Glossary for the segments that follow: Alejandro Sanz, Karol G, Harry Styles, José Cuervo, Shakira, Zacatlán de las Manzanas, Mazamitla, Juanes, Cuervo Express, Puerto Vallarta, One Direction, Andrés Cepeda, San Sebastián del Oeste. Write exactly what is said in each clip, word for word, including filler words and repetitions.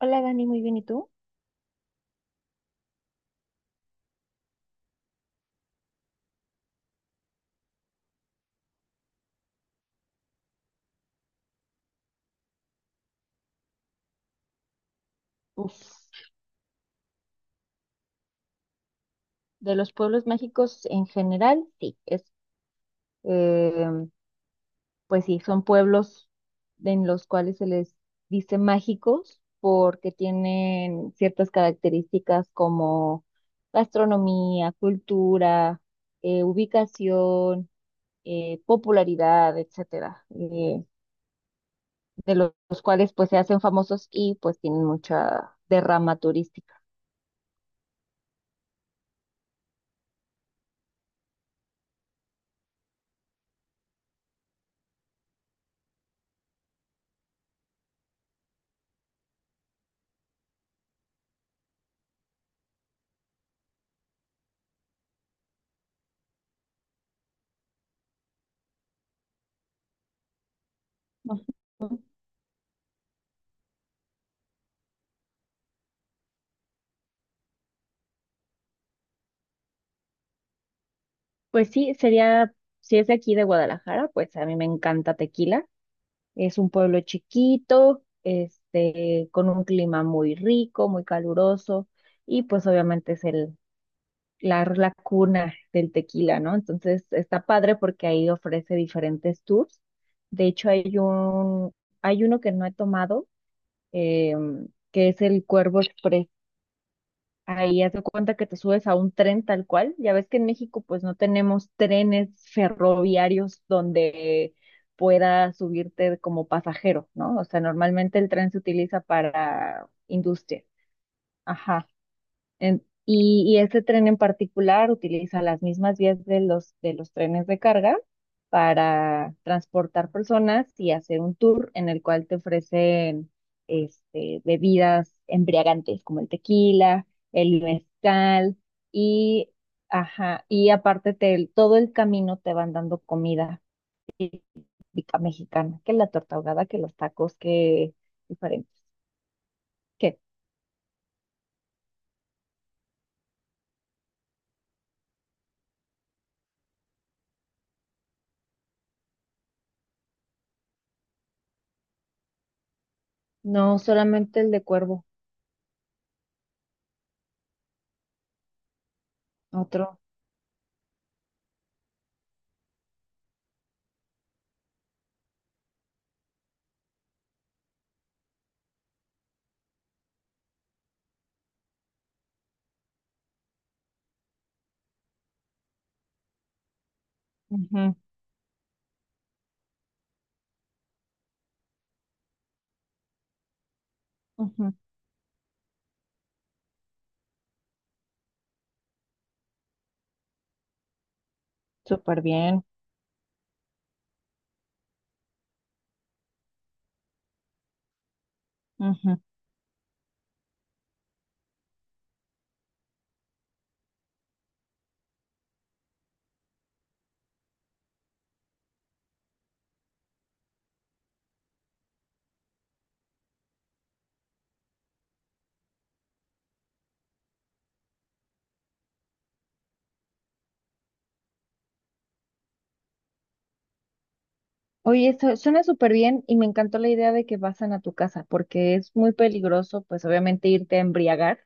Hola Dani, muy bien, ¿y tú? Uf, de los pueblos mágicos en general, sí, es, eh, pues sí, son pueblos en los cuales se les dice mágicos porque tienen ciertas características como gastronomía, cultura, eh, ubicación, eh, popularidad, etcétera, eh, de los, los cuales pues se hacen famosos y pues tienen mucha derrama turística. Ujú. Pues sí, sería, si es de aquí de Guadalajara, pues a mí me encanta Tequila. Es un pueblo chiquito, este, con un clima muy rico, muy caluroso, y pues obviamente es el, la, la cuna del tequila, ¿no? Entonces está padre porque ahí ofrece diferentes tours. De hecho, hay un, hay uno que no he tomado, em, que es el Cuervo Express. Ahí haz de cuenta que te subes a un tren tal cual. Ya ves que en México pues no tenemos trenes ferroviarios donde puedas subirte como pasajero, ¿no? O sea, normalmente el tren se utiliza para industria. Ajá. En- y, y este tren en particular utiliza las mismas vías de los, de los trenes de carga para transportar personas y hacer un tour en el cual te ofrecen este, bebidas embriagantes como el tequila, el mezcal y, ajá, y aparte te- todo el camino te van dando comida típica mexicana, que la torta ahogada, que los tacos, que diferentes. Que no solamente el de Cuervo, otro. Ujú, ujú. Súper bien. Ujú. Oye, esto suena súper bien y me encantó la idea de que pasan a tu casa, porque es muy peligroso, pues obviamente irte a embriagar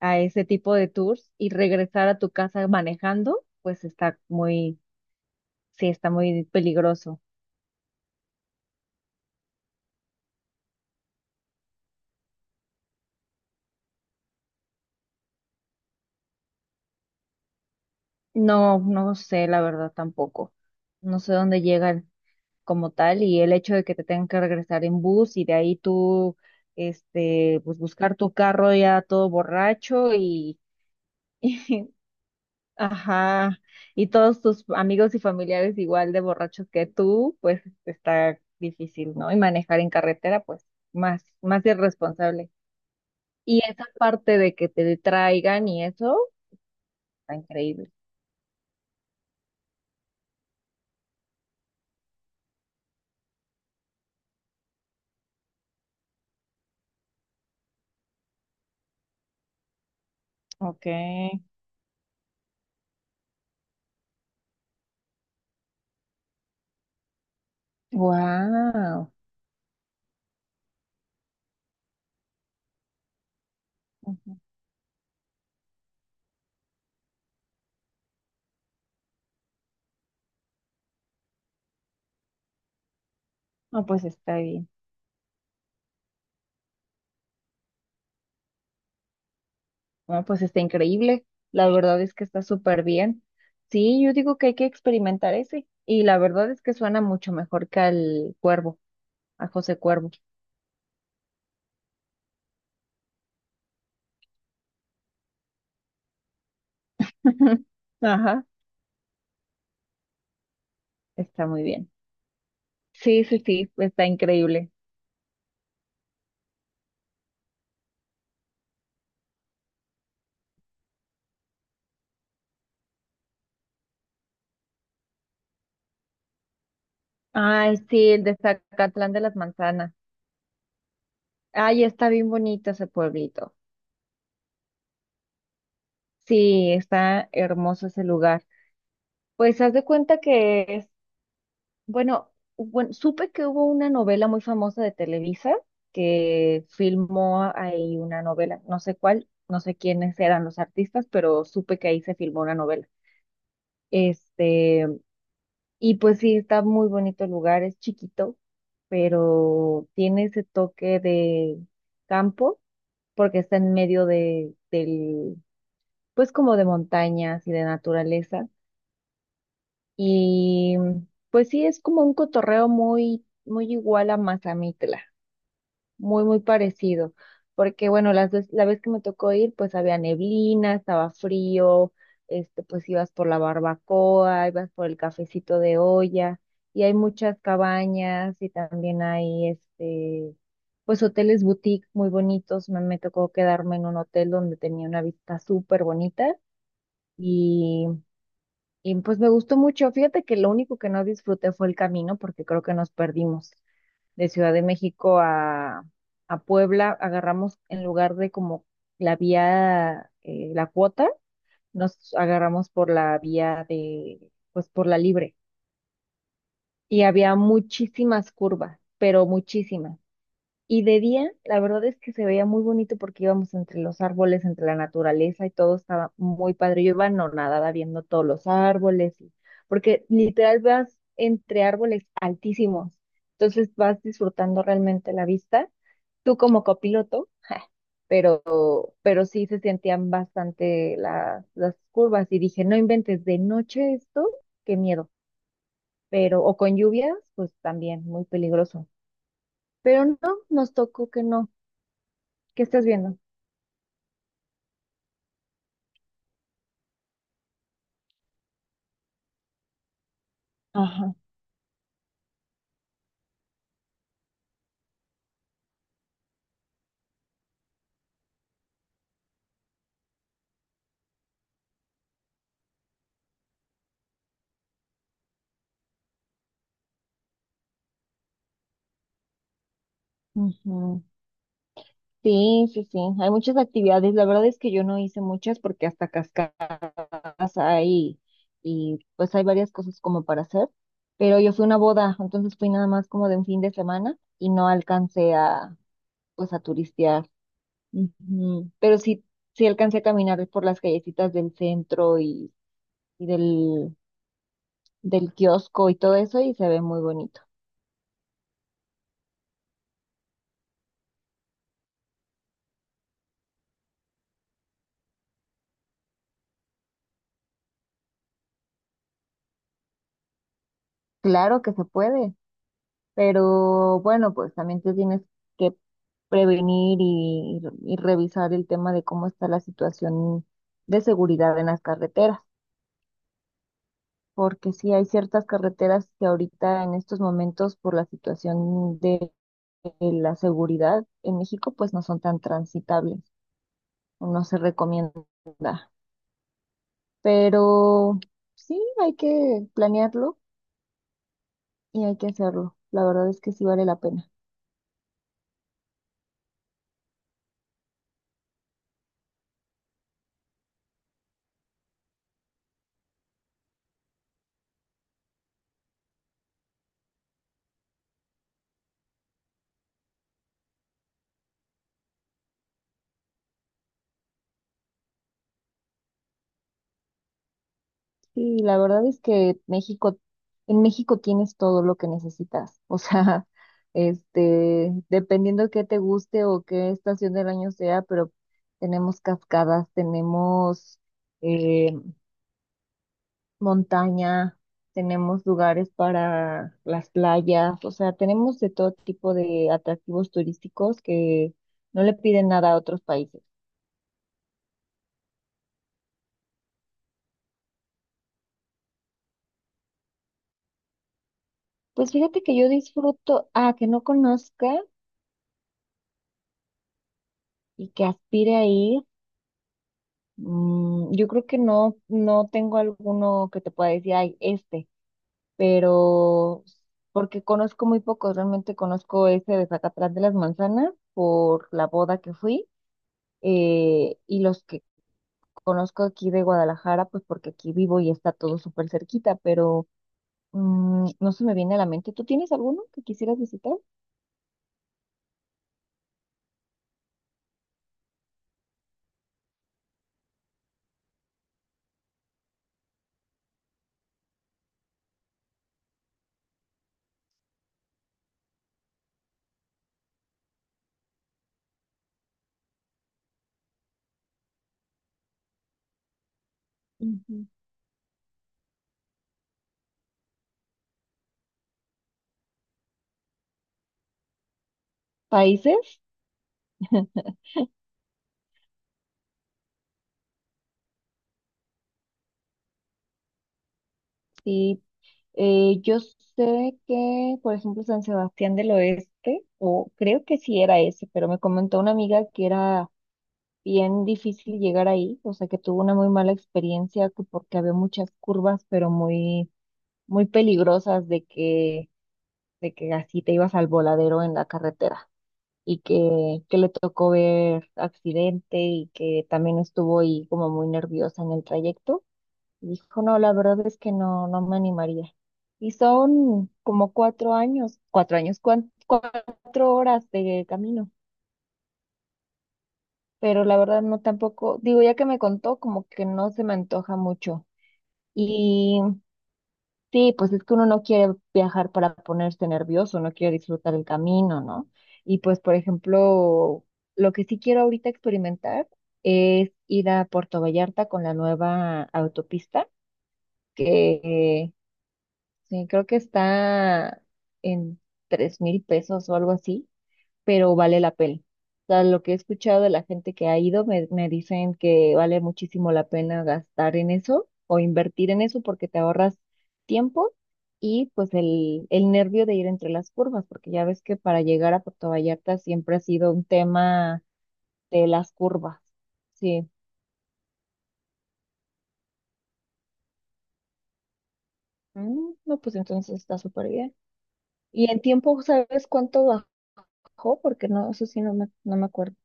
a ese tipo de tours y regresar a tu casa manejando, pues está muy, sí, está muy peligroso. No, no sé, la verdad tampoco. No sé dónde llegan como tal y el hecho de que te tengan que regresar en bus y de ahí tú, este, pues buscar tu carro ya todo borracho y Ajá, y todos tus amigos y familiares igual de borrachos que tú, pues está difícil, ¿no? Y manejar en carretera, pues más, más irresponsable. Y esa parte de que te detraigan y eso, está increíble. Ok. Wow. No, pues está bien. No, pues está increíble. La verdad es que está súper bien. Sí, yo digo que hay que experimentar ese. Y la verdad es que suena mucho mejor que al Cuervo, a José Cuervo. Ajá. Está muy bien. Sí, sí, sí, está increíble. Ay, sí, el de Zacatlán de las Manzanas. Ay, está bien bonito ese pueblito. Sí, está hermoso ese lugar. Pues haz de cuenta que es, bueno, bueno, supe que hubo una novela muy famosa de Televisa que filmó ahí una novela, no sé cuál, no sé quiénes eran los artistas, pero supe que ahí se filmó una novela. Este, y pues sí, está muy bonito el lugar, es chiquito, pero tiene ese toque de campo porque está en medio de, del, pues como de montañas y de naturaleza. Y pues sí, es como un cotorreo muy, muy igual a Mazamitla, muy, muy parecido, porque bueno, las vez- la vez que me tocó ir, pues había neblina, estaba frío, este, pues ibas por la barbacoa, ibas por el cafecito de olla, y hay muchas cabañas y también hay, este, pues hoteles boutique muy bonitos. Me, me tocó quedarme en un hotel donde tenía una vista súper bonita. Y, y pues me gustó mucho. Fíjate que lo único que no disfruté fue el camino porque creo que nos perdimos de Ciudad de México a, a Puebla, agarramos en lugar de como la vía, eh, la cuota, nos agarramos por la vía de, pues por la libre. Y había muchísimas curvas, pero muchísimas. Y de día, la verdad es que se veía muy bonito porque íbamos entre los árboles, entre la naturaleza y todo estaba muy padre. Yo iba anonadada viendo todos los árboles, y- porque literal vas entre árboles altísimos. Entonces vas disfrutando realmente la vista tú como copiloto, pero, pero sí se sentían bastante las, las curvas y dije, no inventes de noche esto, qué miedo, pero o con lluvias, pues también muy peligroso. Pero no, nos tocó que no. ¿Qué estás viendo? Ajá. Ujú. Sí, sí, sí, hay muchas actividades. La verdad es que yo no hice muchas porque hasta cascadas hay y pues hay varias cosas como para hacer, pero yo fui a una boda, entonces fui nada más como de un fin de semana y no alcancé a pues a turistear. Ujú. Pero sí, sí alcancé a caminar por las callecitas del centro y, y del, del kiosco y todo eso y se ve muy bonito. Claro que se puede, pero bueno, pues también te tienes que prevenir y, y revisar el tema de cómo está la situación de seguridad en las carreteras, porque sí hay ciertas carreteras que ahorita en estos momentos por la situación de de la seguridad en México pues no son tan transitables. No se recomienda. Pero sí, hay que planearlo y hay que hacerlo. La verdad es que sí vale la pena. Sí, la verdad es que México, en México tienes todo lo que necesitas. O sea, este, dependiendo qué te guste o qué estación del año sea, pero tenemos cascadas, tenemos eh, montaña, tenemos lugares para las playas, o sea, tenemos de todo tipo de atractivos turísticos que no le piden nada a otros países. Pues fíjate que yo disfruto, ah, que no conozca y que aspire a ir. Mm, yo creo que no, no tengo alguno que te pueda decir, ay, este, pero porque conozco muy pocos, realmente conozco ese de Zacatlán de las Manzanas por la boda que fui, eh, y los que conozco aquí de Guadalajara, pues porque aquí vivo y está todo súper cerquita, pero mm, no se me viene a la mente. ¿Tú tienes alguno que quisieras visitar? Ujú. ¿Países? Sí, eh, yo sé que, por ejemplo, San Sebastián del Oeste, o creo que sí era ese, pero me comentó una amiga que era bien difícil llegar ahí, o sea, que tuvo una muy mala experiencia que porque había muchas curvas, pero muy, muy peligrosas de que, de que así te ibas al voladero en la carretera. Y que, que le tocó ver accidente y que también estuvo ahí como muy nerviosa en el trayecto. Y dijo, no, la verdad es que no, no me animaría. Y son como cuatro años, cuatro años, cuan- cuatro horas de camino. Pero la verdad no tampoco, digo, ya que me contó, como que no se me antoja mucho. Sí, pues es que uno no quiere viajar para ponerse nervioso, no quiere disfrutar el camino, ¿no? Y pues, por ejemplo, lo que sí quiero ahorita experimentar es ir a Puerto Vallarta con la nueva autopista, que eh, sí, creo que está en tres mil pesos o algo así, pero vale la pena. O sea, lo que he escuchado de la gente que ha ido, me, me dicen que vale muchísimo la pena gastar en eso o invertir en eso porque te ahorras tiempo y pues el, el nervio de ir entre las curvas, porque ya ves que para llegar a Puerto Vallarta siempre ha sido un tema de las curvas. Sí. Mm, no, pues entonces está súper bien. ¿Y en tiempo sabes cuánto bajó? Porque no, eso sí no me, no me acuerdo.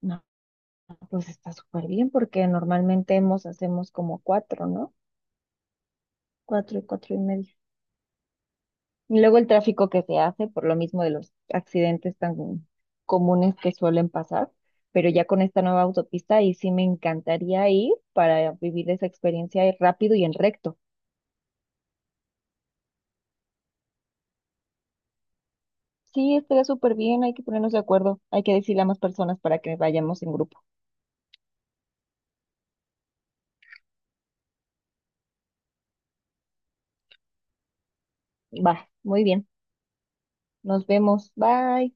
No. Pues está súper bien porque normalmente hemos, hacemos como cuatro, ¿no? Cuatro y cuatro y medio. Y luego el tráfico que se hace por lo mismo de los accidentes tan comunes que suelen pasar, pero ya con esta nueva autopista y sí me encantaría ir para vivir esa experiencia y rápido y en recto. Sí, estaría súper bien, hay que ponernos de acuerdo, hay que decirle a más personas para que vayamos en grupo. Va, muy bien, nos vemos, bye.